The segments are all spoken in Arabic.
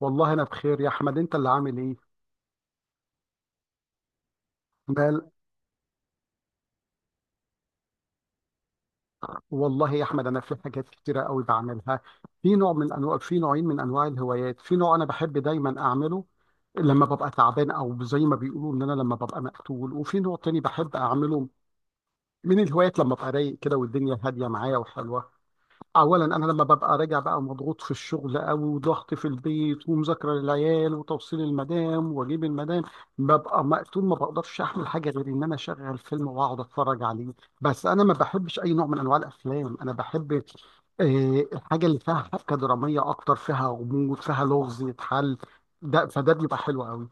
والله انا بخير يا احمد، انت اللي عامل ايه؟ مال. والله يا احمد انا في حاجات كتيره قوي بعملها. في نوعين من انواع الهوايات. في نوع انا بحب دايما اعمله لما ببقى تعبان، او زي ما بيقولوا ان انا لما ببقى مقتول، وفي نوع تاني بحب اعمله من الهوايات لما ببقى رايق كده والدنيا هاديه معايا وحلوه. اولا، انا لما ببقى راجع بقى مضغوط في الشغل او ضغط في البيت ومذاكره للعيال وتوصيل المدام واجيب المدام، ببقى مقتول، ما بقدرش اعمل حاجه غير ان انا اشغل فيلم واقعد اتفرج عليه. بس انا ما بحبش اي نوع من انواع الافلام، انا بحب الحاجه اللي فيها حبكه دراميه، اكتر فيها غموض، فيها لغز يتحل، ده فده بيبقى حلو قوي.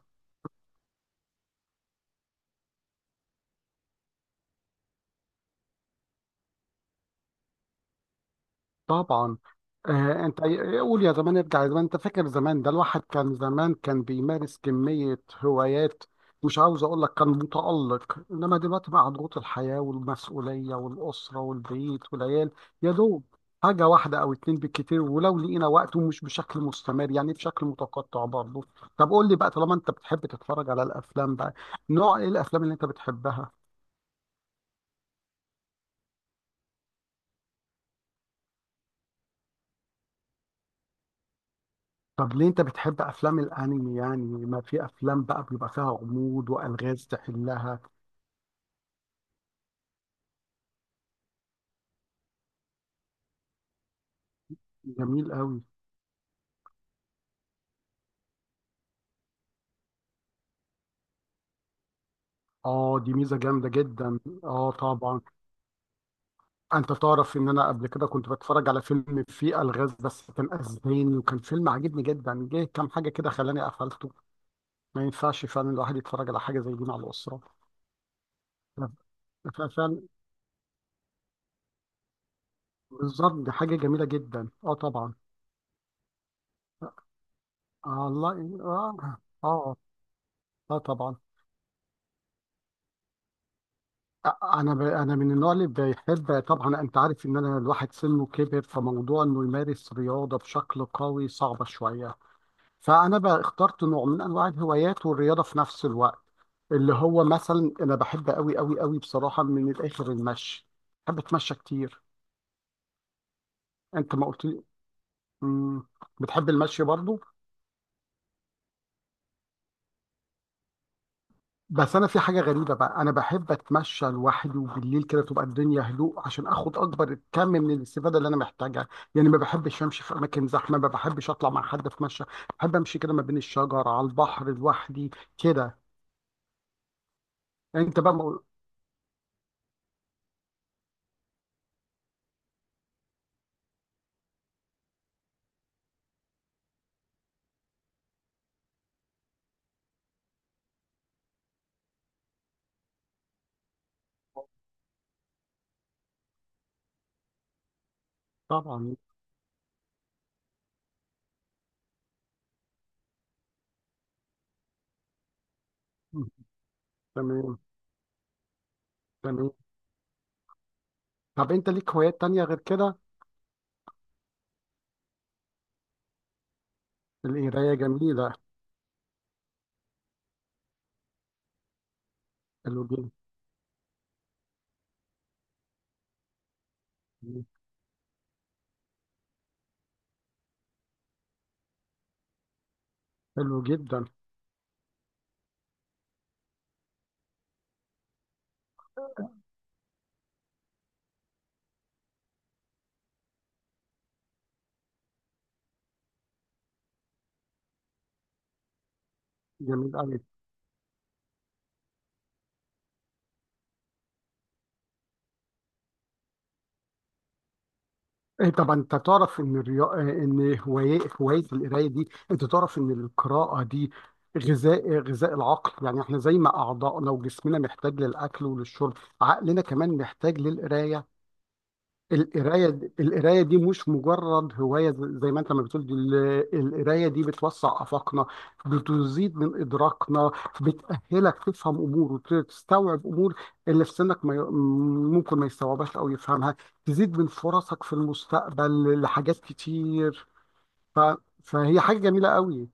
طبعا. انت، قول يا زمان ارجع يا زمان، انت فاكر زمان ده الواحد كان زمان كان بيمارس كمية هوايات، مش عاوز اقول لك كان متألق، انما دلوقتي مع ضغوط الحياة والمسؤولية والأسرة والبيت والعيال يا دوب حاجة واحدة او اتنين بالكتير، ولو لقينا وقت ومش بشكل مستمر يعني بشكل متقطع برضه. طب قول لي بقى، طالما انت بتحب تتفرج على الافلام بقى، نوع ايه الافلام اللي انت بتحبها؟ طب ليه انت بتحب افلام الانمي يعني، ما في افلام بقى بيبقى فيها غموض والغاز تحلها؟ جميل قوي. اه دي ميزه جامده جدا، اه طبعا. انت تعرف ان انا قبل كده كنت بتفرج على فيلم فيه الغاز، بس كان اسباني وكان فيلم عاجبني جدا، جه كام حاجه كده خلاني قفلته. ما ينفعش فعلا الواحد يتفرج على حاجه زي دي مع الاسره. فعلا. بالظبط، دي حاجه جميله جدا، اه طبعا. آه الله اه. اه، اه طبعا. انا من النوع اللي بيحب. طبعا انت عارف ان انا الواحد سنه كبر، فموضوع انه يمارس رياضه بشكل قوي صعبه شويه، فانا بقى اخترت نوع من انواع الهوايات والرياضه في نفس الوقت، اللي هو مثلا انا بحب قوي قوي قوي بصراحه من الاخر المشي، بحب اتمشى كتير. انت ما قلت لي. مم. بتحب المشي برضو؟ بس انا في حاجه غريبه بقى، انا بحب اتمشى لوحدي وبالليل كده تبقى الدنيا هدوء عشان اخد اكبر كم من الاستفاده اللي انا محتاجها، يعني ما بحبش امشي في اماكن زحمه، ما بحبش اطلع مع حد اتمشى، بحب امشي كده ما بين الشجر على البحر لوحدي كده. انت بقى طبعا. تمام، تمام. طب انت ليك هوايات تانية غير كده؟ القرايه جميله. حلو جدا. حلو جدا. جميل قوي. إيه طبعا انت تعرف ان ان هوايه القرايه دي، انت تعرف ان القراءه دي غذاء العقل، يعني احنا زي ما اعضائنا وجسمنا محتاج للاكل وللشرب، عقلنا كمان محتاج للقرايه. القراية، القراية دي مش مجرد هواية، زي ما انت ما بتقول، دي القراية دي بتوسع آفاقنا، بتزيد من إدراكنا، بتأهلك تفهم أمور وتستوعب أمور اللي في سنك ما ي- ممكن ما يستوعبهاش أو يفهمها، تزيد من فرصك في المستقبل لحاجات كتير. ف... فهي حاجة جميلة قوي.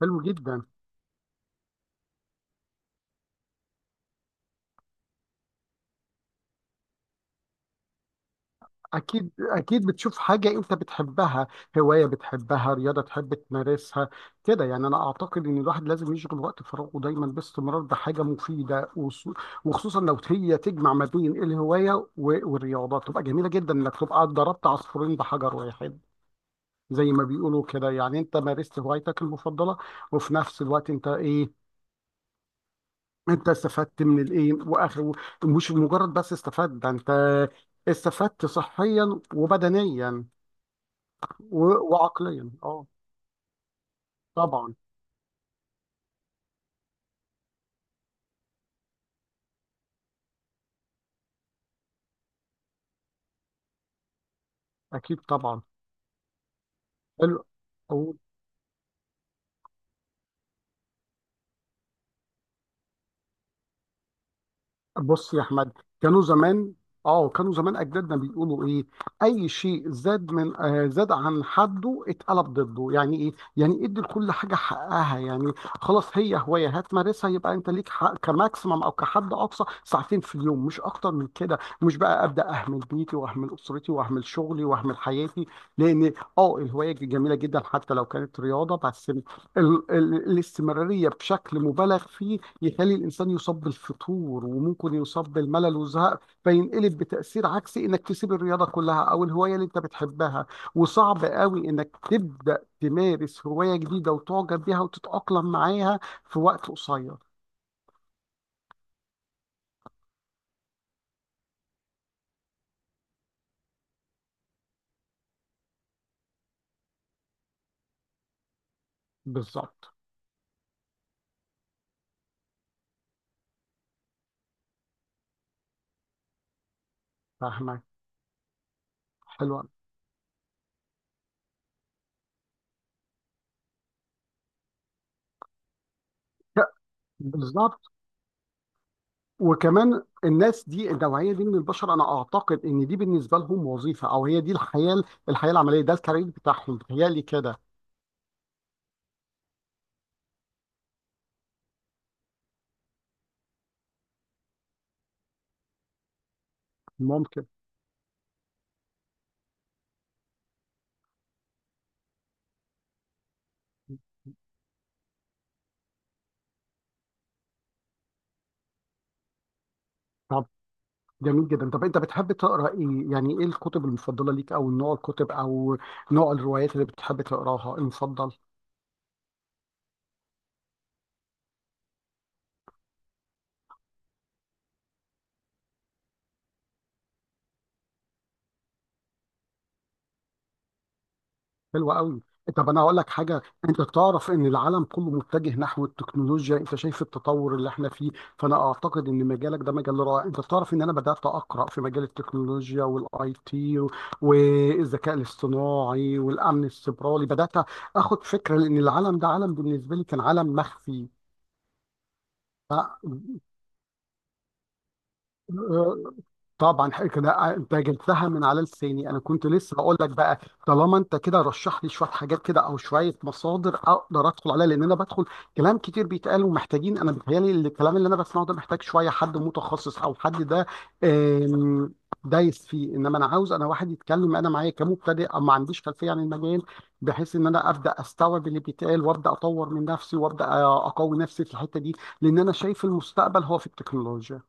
حلو جدا. أكيد أكيد بتشوف حاجة أنت بتحبها، هواية بتحبها، رياضة تحب تمارسها كده، يعني أنا أعتقد إن الواحد لازم يشغل وقت فراغه دايما باستمرار بحاجة مفيدة، وخصوصا لو هي تجمع ما بين الهواية والرياضة، تبقى جميلة جدا إنك تبقى ضربت عصفورين بحجر واحد، زي ما بيقولوا كده، يعني أنت مارست هوايتك المفضلة، وفي نفس الوقت أنت إيه، أنت استفدت من الإيه وآخر، مش مجرد بس استفدت، ده أنت استفدت صحيا وبدنيا وعقليا، اه طبعا. اكيد طبعا. حلو. بص يا احمد، كانوا زمان، اه كانوا زمان اجدادنا بيقولوا ايه، اي شيء زاد من آه زاد عن حده اتقلب ضده، يعني ايه، يعني ادي لكل حاجه حقها، يعني خلاص هي هوايه هتمارسها، يبقى انت ليك حق كماكسيمم او كحد اقصى ساعتين في اليوم، مش اكتر من كده، مش بقى ابدا اهمل بيتي واهمل اسرتي واهمل شغلي واهمل حياتي. لان اه الهوايه جميله جدا حتى لو كانت رياضه، بس ال ال الاستمراريه بشكل مبالغ فيه يخلي الانسان يصاب بالفتور وممكن يصاب بالملل والزهق، فينقلب بتاثير عكسي انك تسيب الرياضه كلها او الهوايه اللي انت بتحبها، وصعب قوي انك تبدا تمارس هوايه جديده وتعجب بيها وتتاقلم معاها في وقت قصير. بالظبط. فاهمك. حلوة. بالظبط. وكمان الناس دي، النوعيه دي من البشر، انا اعتقد ان دي بالنسبه لهم وظيفه، او هي دي الحياه، الحياه العمليه، ده الكارير بتاعهم، بتهيألي كده. ممكن. طب جميل جدا، طب انت بتحب تقرا ايه يعني، ايه الكتب المفضله ليك او نوع الكتب او نوع الروايات اللي بتحب تقراها المفضل؟ حلو قوي. طب انا هقول لك حاجه، انت تعرف ان العالم كله متجه نحو التكنولوجيا، انت شايف التطور اللي احنا فيه، فانا اعتقد ان مجالك ده مجال رائع، انت تعرف ان انا بدات اقرا في مجال التكنولوجيا والاي تي والذكاء الاصطناعي والامن السيبراني، بدات اخد فكره لان العالم ده عالم بالنسبه لي كان عالم مخفي. آه، طبعا حاجة كده، انت جبتها من على لساني، انا كنت لسه بقول لك بقى، طالما انت كده رشح لي شويه حاجات كده او شويه مصادر اقدر ادخل عليها، لان انا بدخل كلام كتير بيتقال ومحتاجين، انا بيتهيألي الكلام اللي انا بسمعه ده محتاج شويه حد متخصص او حد ده آم، دايس فيه، انما انا عاوز، انا واحد يتكلم انا معايا كمبتدئ او ما عنديش خلفيه عن المجال، بحيث ان انا ابدا استوعب اللي بيتقال وابدا اطور من نفسي وابدا اقوي نفسي في الحته دي، لان انا شايف المستقبل هو في التكنولوجيا.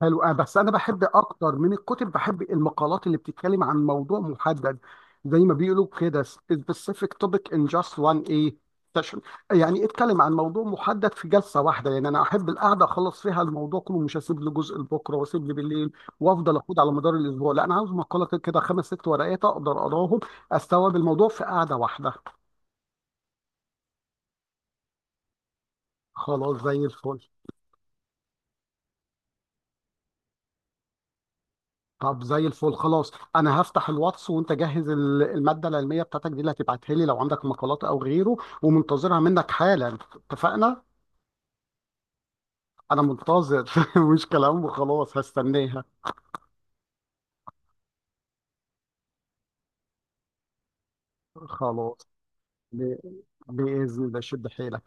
حلو. بس انا بحب اكتر من الكتب بحب المقالات اللي بتتكلم عن موضوع محدد، زي ما بيقولوا كده specific topic in just one a session، يعني اتكلم عن موضوع محدد في جلسه واحده، يعني انا احب القعده اخلص فيها الموضوع كله، مش هسيب له جزء لبكره واسيب لي بالليل وافضل اخد على مدار الاسبوع، لا انا عاوز مقاله كده خمس ست ورقات اقدر اقراهم استوعب الموضوع في قعده واحده. خلاص زي الفل. طب زي الفل خلاص، انا هفتح الواتس وانت جهز الماده العلميه بتاعتك دي اللي هتبعتها لي لو عندك مقالات او غيره، ومنتظرها منك حالا، اتفقنا. انا منتظر مش كلام وخلاص، هستناها. خلاص. ب- باذن الله شد حيلك.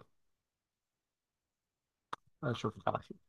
اشوفك على خير.